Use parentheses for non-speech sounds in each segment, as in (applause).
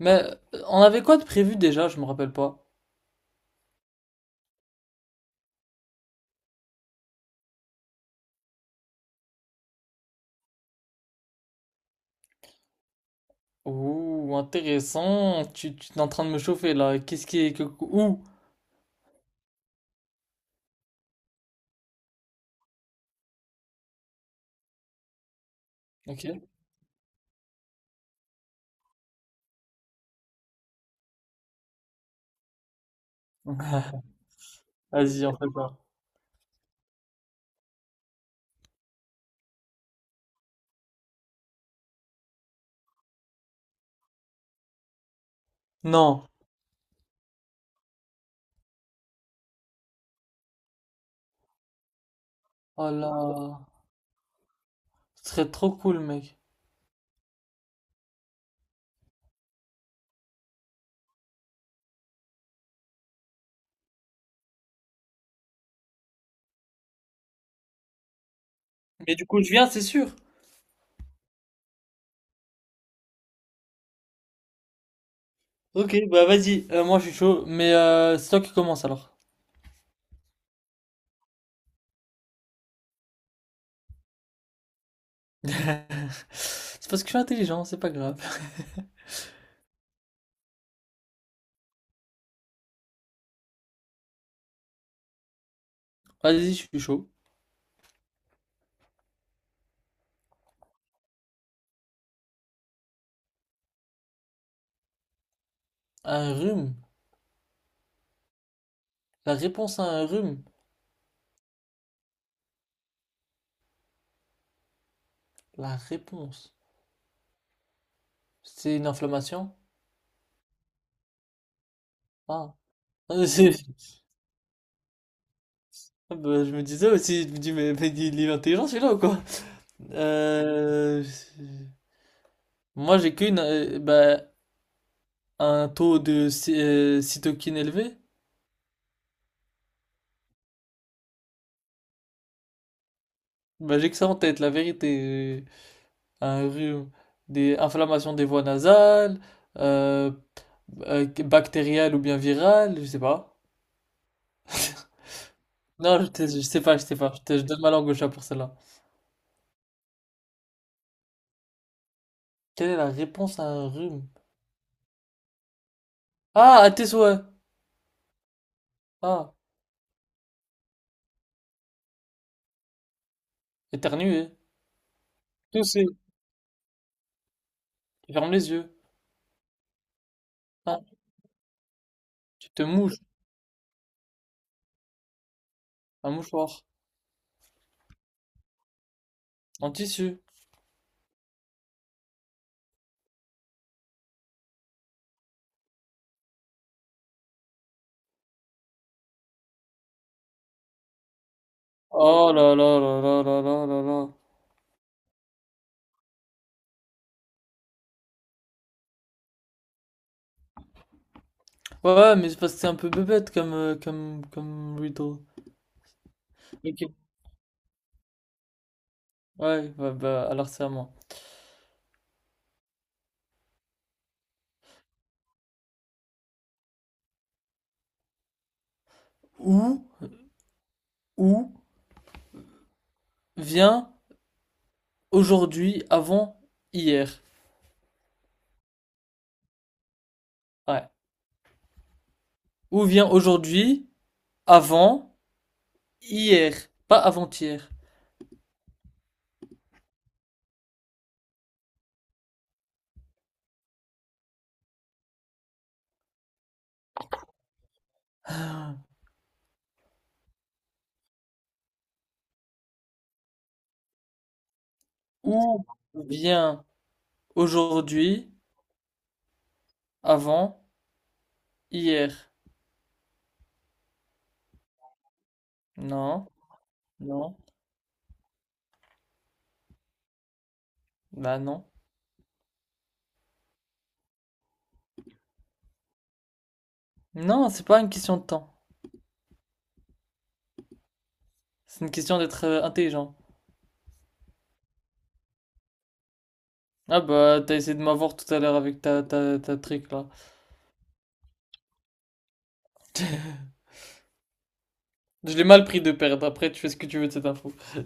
Mais on avait quoi de prévu déjà? Je me rappelle pas. Ouh, intéressant. Tu es en train de me chauffer là. Qu'est-ce qui est que où? Ok. (laughs) Vas-y, on fait pas. Non. Oh là, ce serait trop cool, mec. Mais du coup, je viens, c'est sûr. Ok, bah vas-y. Moi, je suis chaud. Mais c'est toi qui commence alors. (laughs) C'est parce que je suis intelligent, c'est pas grave. (laughs) Vas-y, je suis chaud. Un rhume. La réponse à un rhume. La réponse. C'est une inflammation? Ah. (laughs) Ah bah, je me disais aussi, je me dis, mais il est intelligent celui-là ou quoi? Euh, Moi j'ai qu'une, bah, un taux de cytokine élevé. Bah, j'ai que ça en tête, la vérité. Un rhume, des inflammations des voies nasales, euh, bactériales ou bien virales, je sais pas. Non, je, te- Je sais pas, je sais pas. Je donne ma langue au chat pour celle-là. Quelle est la réponse à un rhume? Ah, à tes souhaits. Ah, éternuer, tousser, ferme les yeux. Ah, tu te mouches. Un mouchoir. En tissu. Oh là là là là là là là là. Ouais, mais c'est parce que c'est un peu bête comme riddle. Ok. Ouais, alors c'est à moi. Où, où vient aujourd'hui avant hier? Ouais. Où vient aujourd'hui avant hier? Pas avant-hier. Où vient aujourd'hui avant hier? Non, non, bah non. Non, c'est pas une question de temps. C'est une question d'être intelligent. Ah bah, t'as essayé de m'avoir tout à l'heure avec ta trick là. Je l'ai mal pris de perdre, après tu fais ce que tu veux de cette info. (laughs)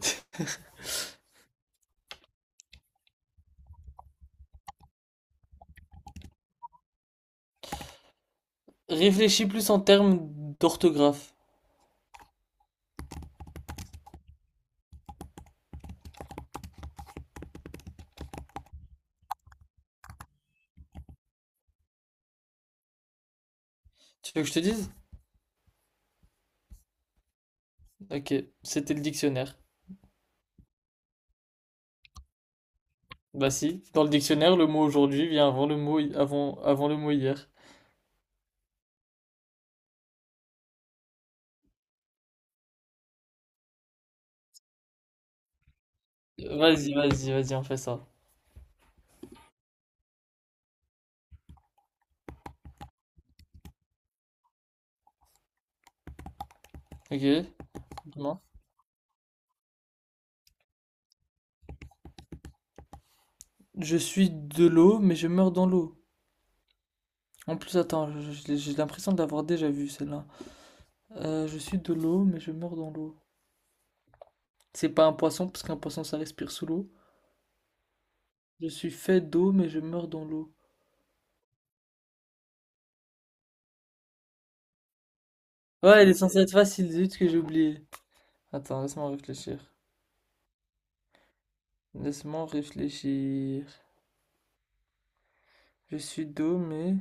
Réfléchis plus en termes d'orthographe. Tu veux que je te dise? Ok, c'était le dictionnaire. Bah si, dans le dictionnaire, le mot aujourd'hui vient avant le mot, avant le mot hier. Vas-y, on fait ça. Ok, dis-moi. Je suis de l'eau, mais je meurs dans l'eau. En plus, attends, j'ai l'impression de l'avoir déjà vu celle-là. Je suis de l'eau, mais je meurs dans l'eau. C'est pas un poisson, parce qu'un poisson ça respire sous l'eau. Je suis fait d'eau, mais je meurs dans l'eau. Ouais, elle est censée être facile, zut que j'ai oublié. Attends, laisse-moi réfléchir. Laisse-moi réfléchir. Je suis d'eau, mais...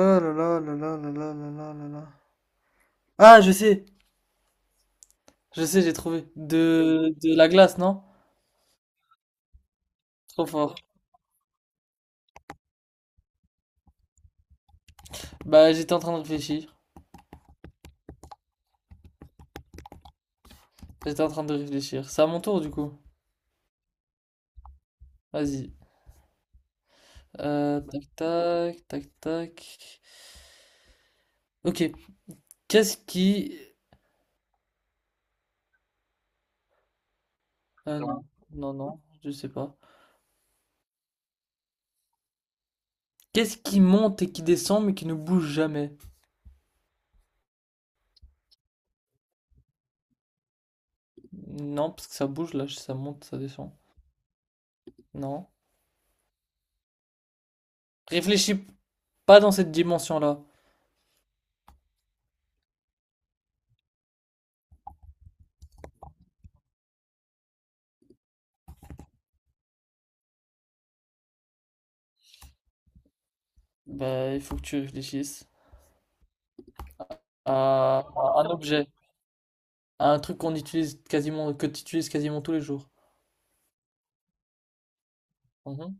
Ah là là là là là là là là là là. Ah, je sais! Je sais, j'ai trouvé. De la glace, non? Trop fort. Bah, j'étais en train de réfléchir. J'étais en train de réfléchir. C'est à mon tour, du coup. Vas-y. Tac tac, tac tac. Ok. Qu'est-ce qui... Euh, non, non, je sais pas. Qu'est-ce qui monte et qui descend mais qui ne bouge jamais? Non, parce que ça bouge là, ça monte, ça descend. Non. Réfléchis pas dans cette dimension-là. Bah, il faut que tu réfléchisses à un objet, à un truc qu'on utilise quasiment, que tu utilises quasiment tous les jours. Mhm.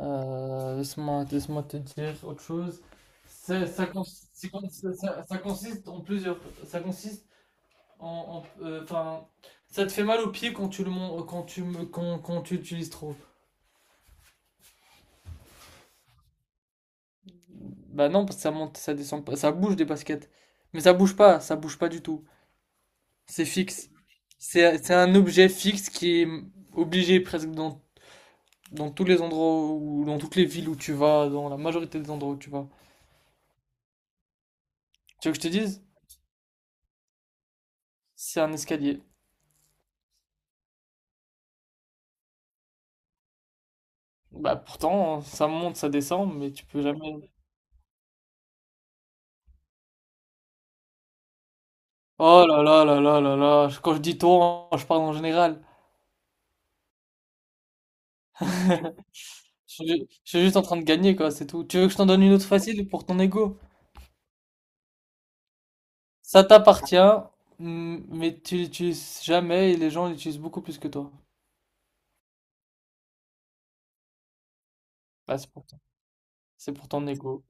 Laisse-moi te dire autre chose. Ça, ça, cons- ça consiste en plusieurs. Ça consiste en, enfin, ça te fait mal au pied quand tu le mon- quand tu me- quand, quand tu utilises trop. Bah non, parce que ça monte, ça descend pas, ça bouge des baskets. Mais ça bouge pas du tout. C'est fixe. C'est un objet fixe qui est obligé presque dans tous les endroits ou dans toutes les villes où tu vas, dans la majorité des endroits où tu vas. Tu veux que je te dise? C'est un escalier. Bah pourtant, ça monte, ça descend, mais tu peux jamais. Oh là là là là là là, quand je dis toi, je parle en général. (laughs) Je suis juste en train de gagner, quoi, c'est tout. Tu veux que je t'en donne une autre facile pour ton ego? Ça t'appartient, mm, mais tu l'utilises jamais et les gens l'utilisent beaucoup plus que toi. Bah, c'est pour ton, c'est pour ton ego.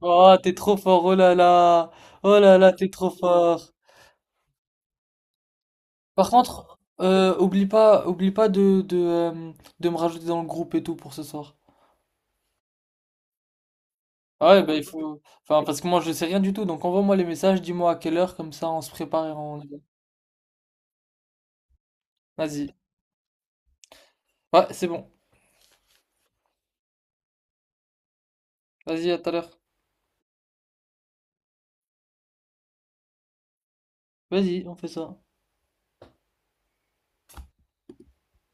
Oh, t'es trop fort, oh là là, oh là là, t'es trop fort. Par contre, oublie pas de, de me rajouter dans le groupe et tout pour ce soir. Ah ouais, bah il faut, enfin parce que moi je sais rien du tout, donc envoie-moi les messages, dis-moi à quelle heure, comme ça on se prépare et on y va. Vas-y. Ouais, c'est bon. Vas-y, à tout à l'heure. Vas-y, on fait ça.